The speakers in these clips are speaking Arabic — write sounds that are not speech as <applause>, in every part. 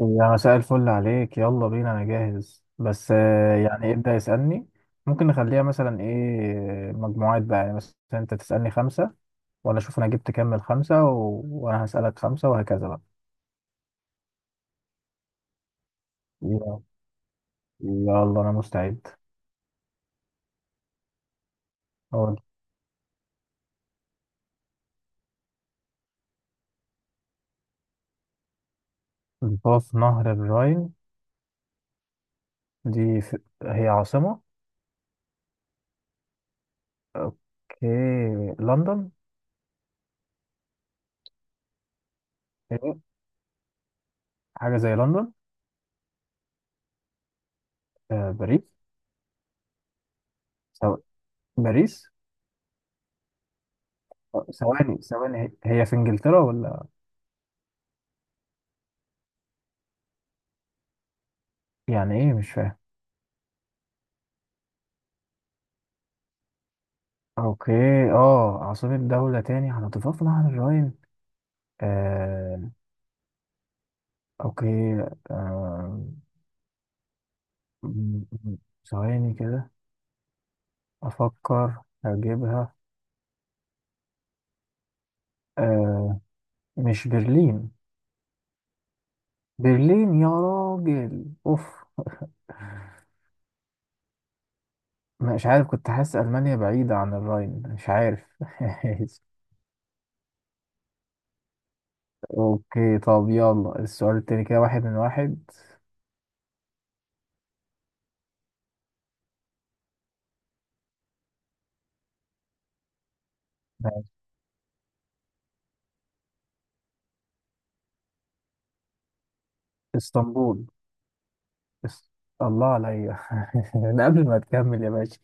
يا مساء الفل عليك، يلا بينا، انا جاهز بس يعني ابدأ يسألني. ممكن نخليها مثلا ايه، مجموعات بقى، يعني مثلا انت تسألني خمسة وانا اشوف انا جبت كام من خمسة، وانا هسألك خمسة وهكذا بقى. يلا يلا، انا مستعد. أقول. ضفاف نهر الراين، هي عاصمة. اوكي، لندن. إيه؟ حاجة زي لندن. باريس. سو... باريس. ثواني ثواني، هي في انجلترا ولا؟ يعني ايه؟ مش فاهم. اوكي. اه، عاصمة دولة تاني هنضيفها في نهر الراين. آه. اوكي. آه. م- م- ثواني كده، افكر هجيبها. آه. مش برلين؟ برلين يا راجل، اوف. مش عارف، كنت حاسس المانيا بعيدة عن الراين، مش عارف. <laughs> اوكي، طب يلا السؤال التاني كده، واحد من واحد. ماشي. اسطنبول. اس... الله عليا. <laughs> ده قبل ما تكمل يا باشا.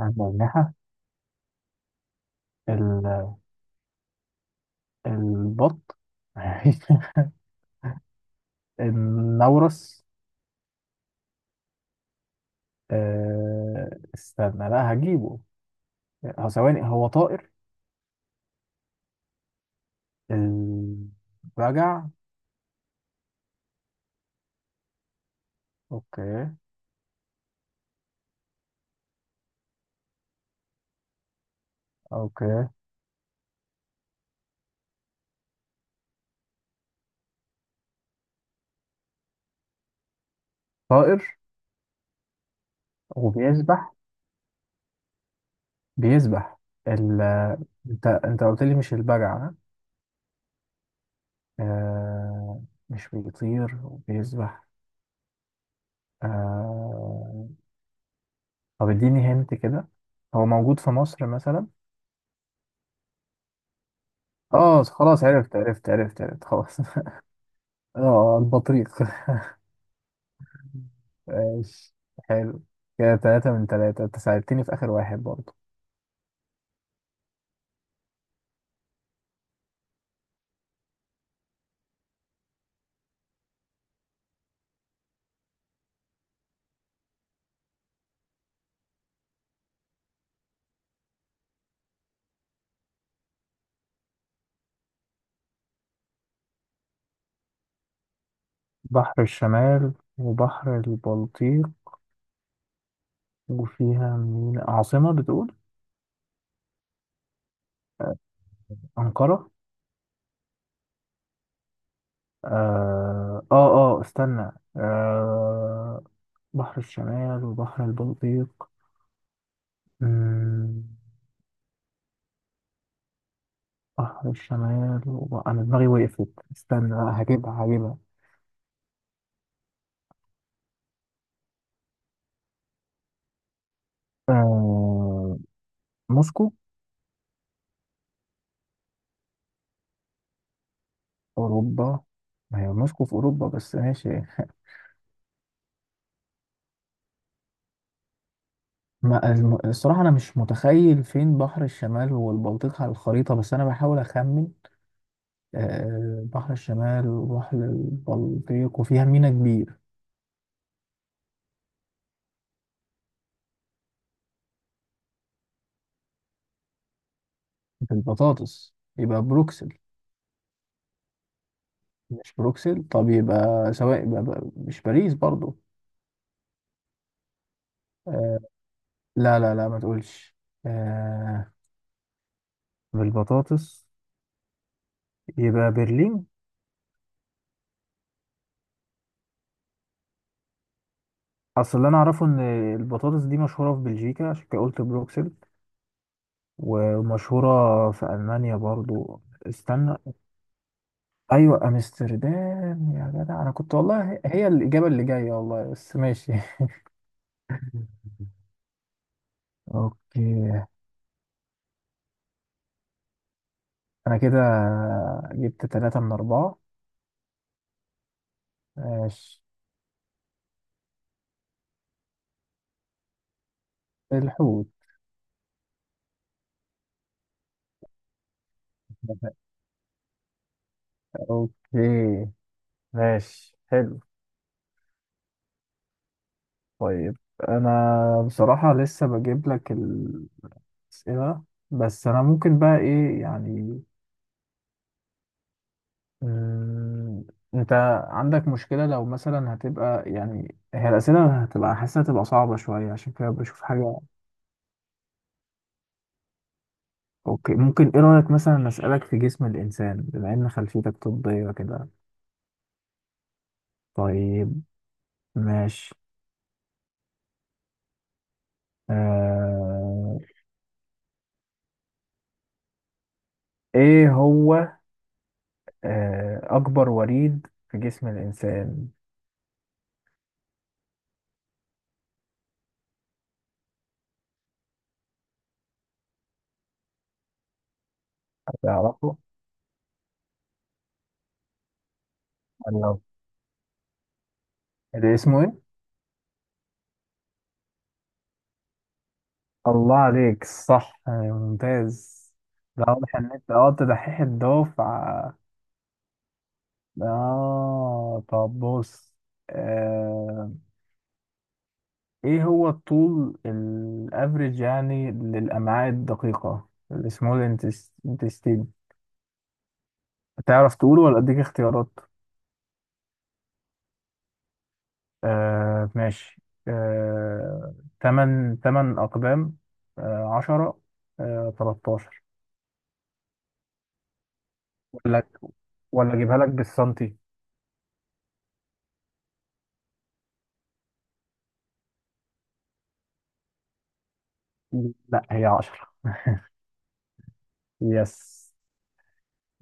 عندنا. البط. <laughs> النورس. أه، استنى، لا هجيبه. هو ثواني، هو طائر. البجع. اوكي. اوكي، طائر وبيسبح. بيسبح. ال... انت قلت لي مش البجع، ها؟ أه، مش بيطير وبيسبح. أه... طب اديني هنت كده، هو موجود في مصر مثلا؟ اه خلاص، عرفت عرفت عرفت عرفت خلاص. <laughs> اه، البطريق. <laughs> ماشي. حلو. كده تلاتة من تلاتة، انت ساعدتني في آخر واحد برضه. بحر الشمال وبحر البلطيق، وفيها مين؟ عاصمة بتقول. أنقرة. آه، آه. آه استنى. آه، بحر الشمال وبحر البلطيق. مم، بحر الشمال أنا دماغي وقفت. استنى، لا هجيبها هجيبها. آه، موسكو. أوروبا؟ ما هي موسكو في أوروبا، بس ماشي. <laughs> ما الصراحة أنا مش متخيل فين بحر الشمال والبلطيق على الخريطة، بس أنا بحاول أخمن. بحر الشمال وبحر البلطيق وفيها ميناء كبير. بالبطاطس؟ يبقى بروكسل. مش بروكسل؟ طب يبقى سواء، يبقى مش باريس برضو. آه، لا لا لا ما تقولش. آه، بالبطاطس يبقى برلين. أصل اللي أنا أعرفه إن البطاطس دي مشهورة في بلجيكا، عشان كده قلت بروكسل، ومشهورة في ألمانيا برضو. استنى، ايوه امستردام يا جدع، انا كنت والله هي الاجابه اللي جايه، والله بس ماشي. <laughs> اوكي، انا كده جبت ثلاثة من أربعة. ماشي. الحوت. اوكي. ماشي. حلو. طيب، انا بصراحة لسه بجيب لك الأسئلة، بس انا ممكن بقى ايه يعني، مم، انت عندك مشكلة لو مثلا هتبقى يعني هي الأسئلة هتبقى حاسة هتبقى صعبة شوية؟ عشان كده بشوف حاجة. اوكي، ممكن ايه رأيك مثلا اسألك في جسم الانسان، بما ان خلفيتك طبية كده؟ طيب. ماشي. آه... ايه هو اكبر وريد في جسم الانسان؟ هتعرفه. الله، ده اسمه ايه؟ الله عليك، صح. ممتاز. ده واضح ان انت تدحيح الدفعة. اه، طب بص. آه... ايه هو الطول الافريج يعني للامعاء الدقيقة، السمول intestine؟ تعرف تقوله ولا اديك اختيارات؟ آه ماشي. آه، تمن اقدام، آه عشرة، آه تلتاشر. ولا ولا اجيبها لك بالسنتي؟ لا، هي عشرة. يس،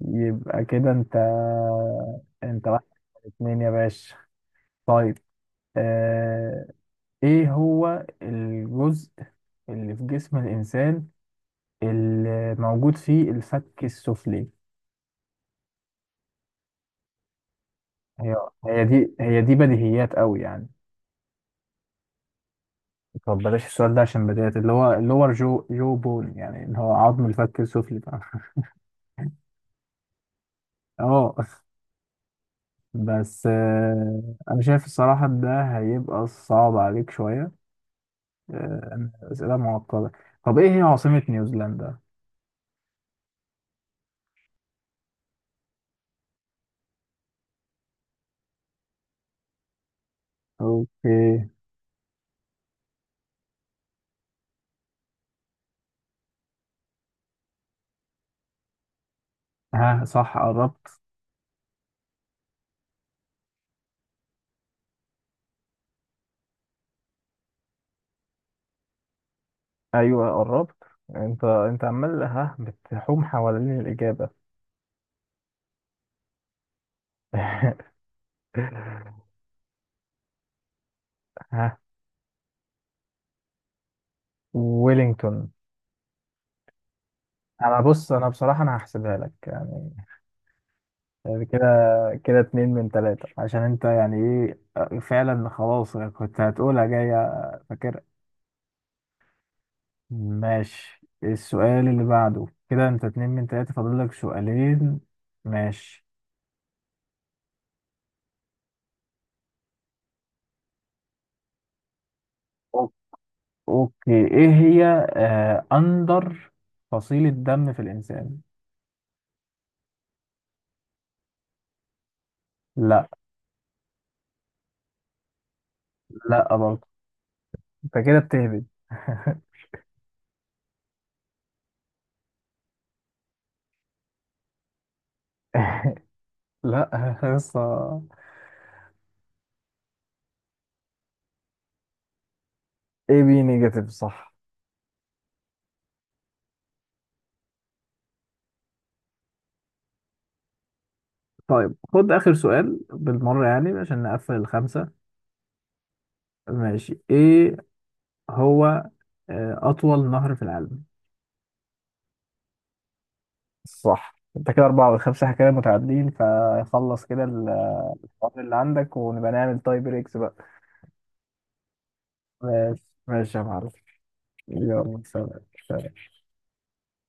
يبقى كده انت واحد اتنين يا باشا. طيب. آه. ايه هو الجزء اللي في جسم الانسان اللي موجود فيه الفك السفلي؟ هي هي دي، هي دي بديهيات قوي يعني. طب بلاش السؤال ده، عشان بديهيات، اللي هو اللور جو جو بون، يعني اللي هو عظم الفك السفلي ده. <laughs> اه، بس انا شايف الصراحة ده هيبقى صعب عليك شوية. أسئلة معقدة. طب ايه هي عاصمة نيوزيلندا؟ اوكي. ها صح، قربت. ايوه، قربت. انت عمال ها، بتحوم حوالين الاجابه. <laughs> ها، ويلينجتون. انا بص انا بصراحه انا هحسبها لك يعني كده اتنين من تلاته عشان انت يعني ايه فعلا، خلاص كنت هتقولها جايه. فاكر. ماشي. السؤال اللي بعده كده، انت اتنين من تلاته، فاضل لك سؤالين. ماشي. أو- اوكي، ايه هي اندر فصيله دم في الانسان؟ لا. لا برضه. انت كده بتهبد. <laughs> لا لسه. اي بي نيجاتيف، صح. طيب، خد اخر سؤال بالمره يعني عشان نقفل الخمسه. ماشي، ايه هو اطول نهر في العالم؟ صح. انت كده اربعه والخمسه، احنا كده متعادلين، فخلص كده الوقت اللي عندك، ونبقى نعمل تاي بريكس بقى. ماشي ماشي يا معلم. يلا سلام. سلام.